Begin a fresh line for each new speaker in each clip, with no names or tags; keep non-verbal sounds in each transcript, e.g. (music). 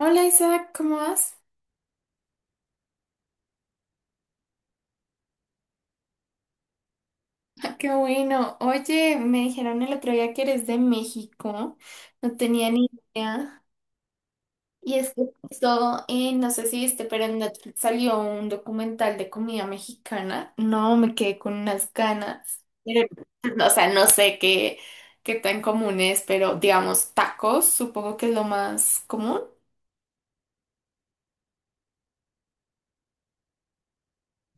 Hola Isaac, ¿cómo vas? (laughs) Qué bueno. Oye, me dijeron el otro día que eres de México. No tenía ni idea. Y es que justo, no sé si viste, pero en Netflix salió un documental de comida mexicana. No, me quedé con unas ganas. Pero, (laughs) o sea, no sé qué, qué tan común es, pero digamos, tacos, supongo que es lo más común.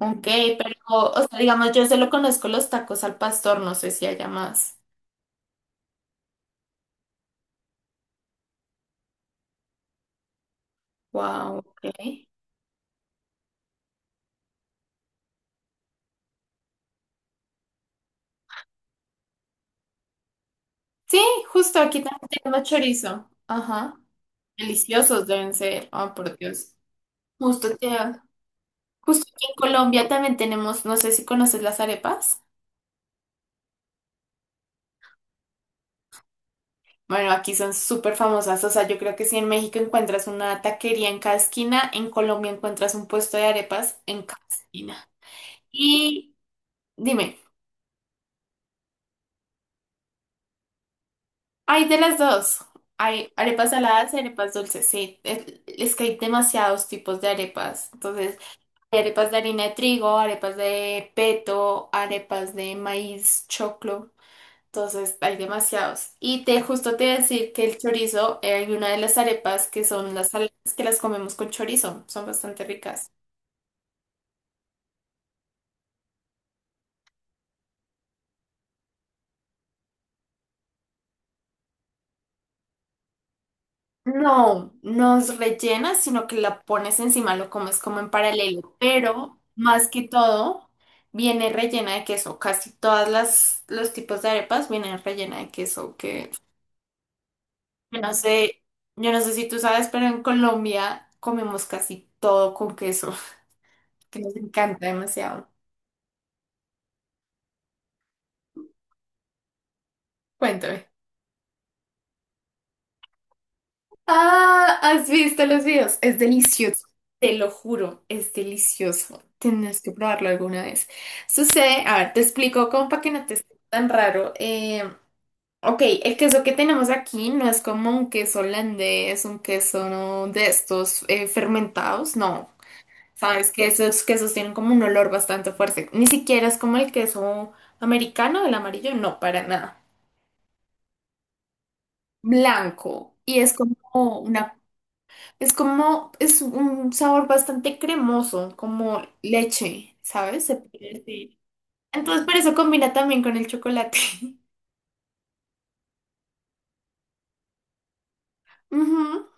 Ok, pero, o sea, digamos, yo solo conozco los tacos al pastor, no sé si haya más. Wow, ok. Sí, justo aquí también tenemos chorizo. Ajá. Deliciosos deben ser. Oh, por Dios. Justo que, justo aquí en Colombia también tenemos, no sé si conoces las arepas. Bueno, aquí son súper famosas. O sea, yo creo que si en México encuentras una taquería en cada esquina, en Colombia encuentras un puesto de arepas en cada esquina. Y dime, hay de las dos. Hay arepas saladas y arepas dulces. Sí, es que hay demasiados tipos de arepas. Entonces, hay arepas de harina de trigo, arepas de peto, arepas de maíz, choclo. Entonces hay demasiados. Y te justo te iba a decir que el chorizo, hay una de las arepas que son las saladas que las comemos con chorizo. Son bastante ricas. No, no es rellena, sino que la pones encima, lo comes como en paralelo. Pero más que todo, viene rellena de queso. Casi todas las los tipos de arepas vienen rellena de queso. Que Yo no sé, yo no sé si tú sabes, pero en Colombia comemos casi todo con queso, (laughs) que nos encanta demasiado. Cuéntame. Ah, ¿has visto los videos? Es delicioso. Te lo juro, es delicioso. Tienes que probarlo alguna vez. Sucede, a ver, te explico como para que no te esté tan raro. Ok, el queso que tenemos aquí no es como un queso holandés, un queso, ¿no?, de estos, fermentados, no. Sabes que esos quesos tienen como un olor bastante fuerte. Ni siquiera es como el queso americano, el amarillo, no, para nada. Blanco. Y es como una, es como, es un sabor bastante cremoso, como leche, ¿sabes? Se puede decir. Entonces, por eso combina también con el chocolate. (laughs) Ujú.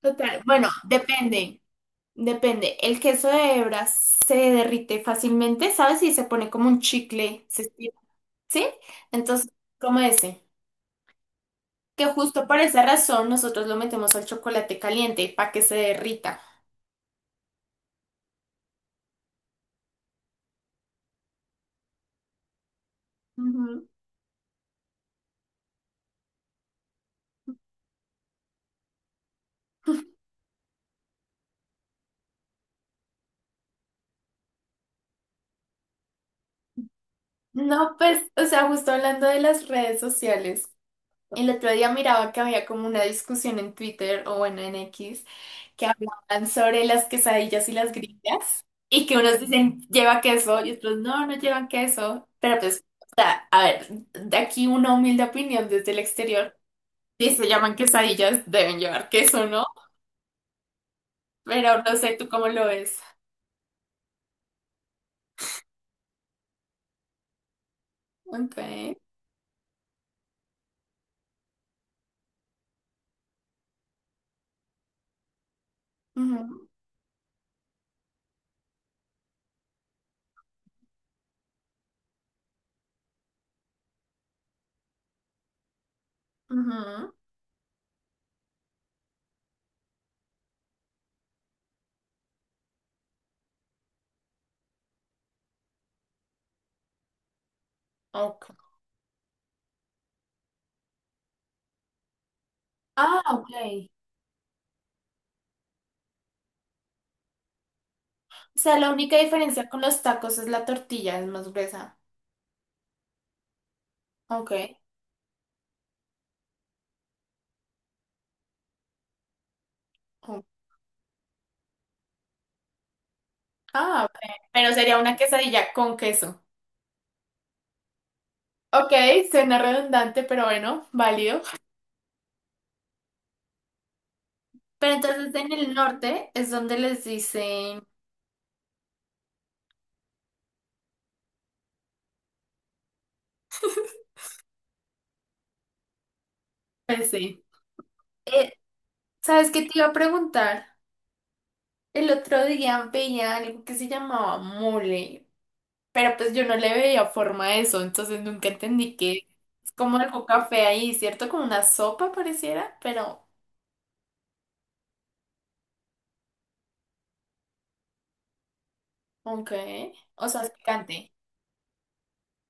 Total. Bueno, depende, depende. El queso de hebra se derrite fácilmente, ¿sabes? Y se pone como un chicle, se estira, ¿sí? Entonces, como ese, que justo por esa razón nosotros lo metemos al chocolate caliente para que se derrita. Ujú. No, pues, o sea, justo hablando de las redes sociales, el otro día miraba que había como una discusión en Twitter o bueno, en X, que hablaban sobre las quesadillas y las grillas y que unos dicen lleva queso y otros no, no llevan queso, pero pues, o sea, a ver, de aquí una humilde opinión desde el exterior, si se llaman quesadillas, deben llevar queso, ¿no? Pero no sé, ¿tú cómo lo ves? Ok. Ujú, ujú. Ok. Ah, ok. O sea, la única diferencia con los tacos es la tortilla, es más gruesa. Ok. Oh. Ah, ok. Pero sería una quesadilla con queso. Ok, suena redundante, pero bueno, válido. Pero entonces en el norte es donde les dicen... Pues sí. Eh, ¿Sabes qué te iba a preguntar? El otro día veía algo que se llamaba mole. Pero pues yo no le veía forma a eso, entonces nunca entendí que es como algo café ahí, ¿cierto? Como una sopa pareciera, pero ok. O sea, es picante.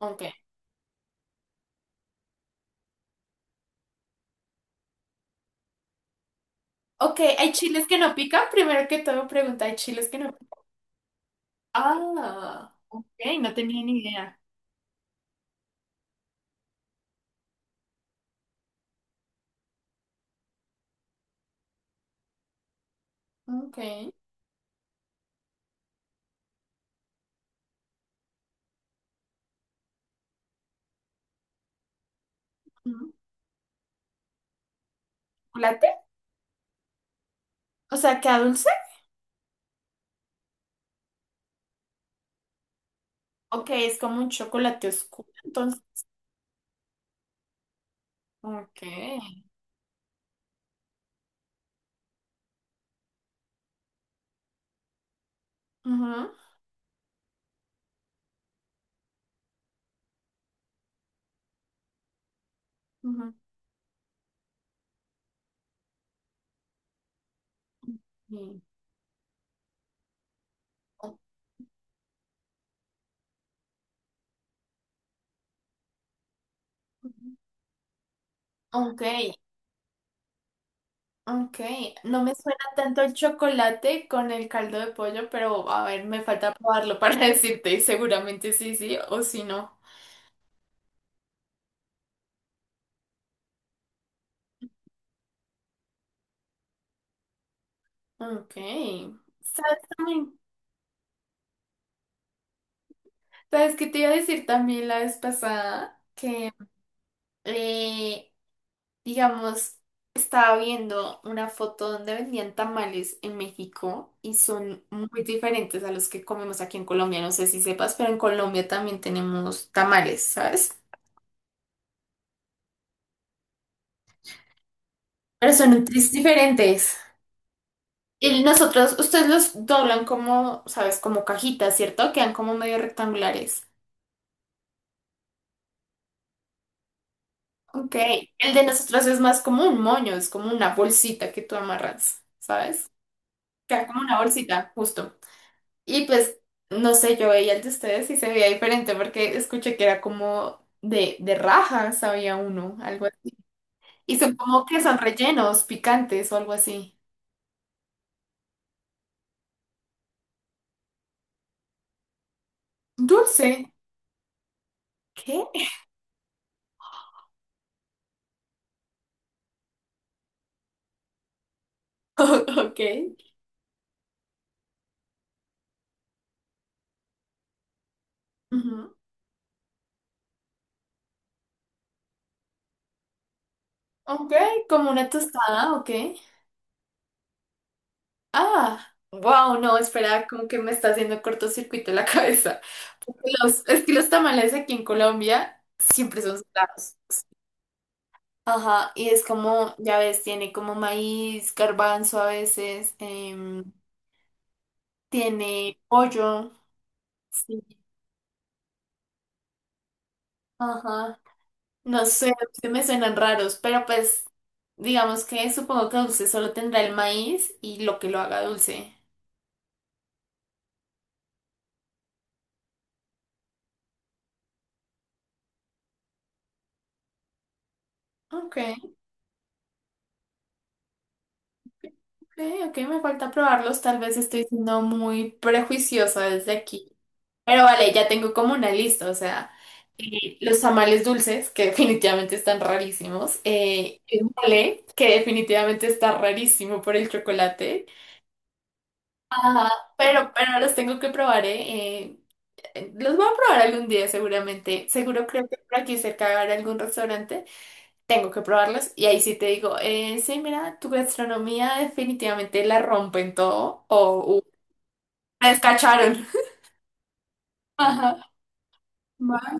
Ok. Ok, ¿hay chiles que no pican? Primero que todo pregunta, ¿hay chiles que no pican? Ah, ok, no tenía ni idea. Ok. Mm. ¿Chocolate? O sea, ¿queda dulce? Ok, es como un chocolate oscuro, entonces. Ok. Ujú, ujú, sí. Ujú. Ok, ok, no me suena tanto el chocolate con el caldo de pollo, pero a ver, me falta probarlo para (laughs) decirte y seguramente sí, sí o sí no. Ok, ¿sabes también? ¿Sabes qué te iba a decir también la vez pasada? Que, eh, digamos, estaba viendo una foto donde vendían tamales en México y son muy diferentes a los que comemos aquí en Colombia. No sé si sepas, pero en Colombia también tenemos tamales, ¿sabes? Pero son un tris diferentes. Y nosotros, ustedes los doblan como, ¿sabes?, como cajitas, ¿cierto? Quedan como medio rectangulares. Ok. El de nosotros es más como un moño, es como una bolsita que tú amarras, ¿sabes? Queda como una bolsita, justo. Y pues, no sé, yo veía el de ustedes y se veía diferente porque escuché que era como de rajas, había uno, algo así. Y son como que son rellenos, picantes o algo así. Dulce. ¿Qué? (laughs) Ok. Ujú. Ok, como una tostada, ok. Ah, wow, no, espera, como que me está haciendo cortocircuito la (laughs) cabeza. Porque los- es que los tamales aquí en Colombia siempre son salados. Ajá, y es como, ya ves, tiene como maíz, garbanzo a veces, tiene pollo. Sí, ajá. No sé, se me suenan raros, pero pues digamos que supongo que dulce solo tendrá el maíz y lo que lo haga dulce. Ok. Ok, ok, me falta probarlos. Tal vez estoy siendo muy prejuiciosa desde aquí. Pero vale, ya tengo como una lista, o sea, los tamales dulces, que (laughs) definitivamente están rarísimos, el mole, que definitivamente está rarísimo por el chocolate. Ajá, pero los tengo que probar, ¿eh? Los voy a probar algún día seguramente, seguro creo que por aquí cerca habrá algún restaurante, tengo que probarlos y ahí sí te digo, sí, mira, tu gastronomía definitivamente la rompen todo o les cacharon. (laughs) Ajá, va,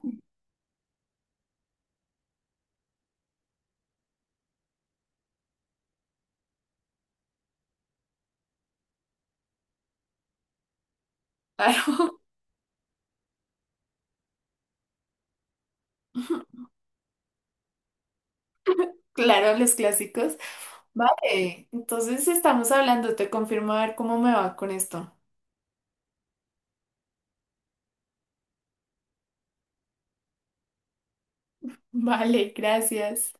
claro, (laughs) claro, los clásicos. Vale, entonces estamos hablando, te confirmo a ver cómo me va con esto. Vale, gracias.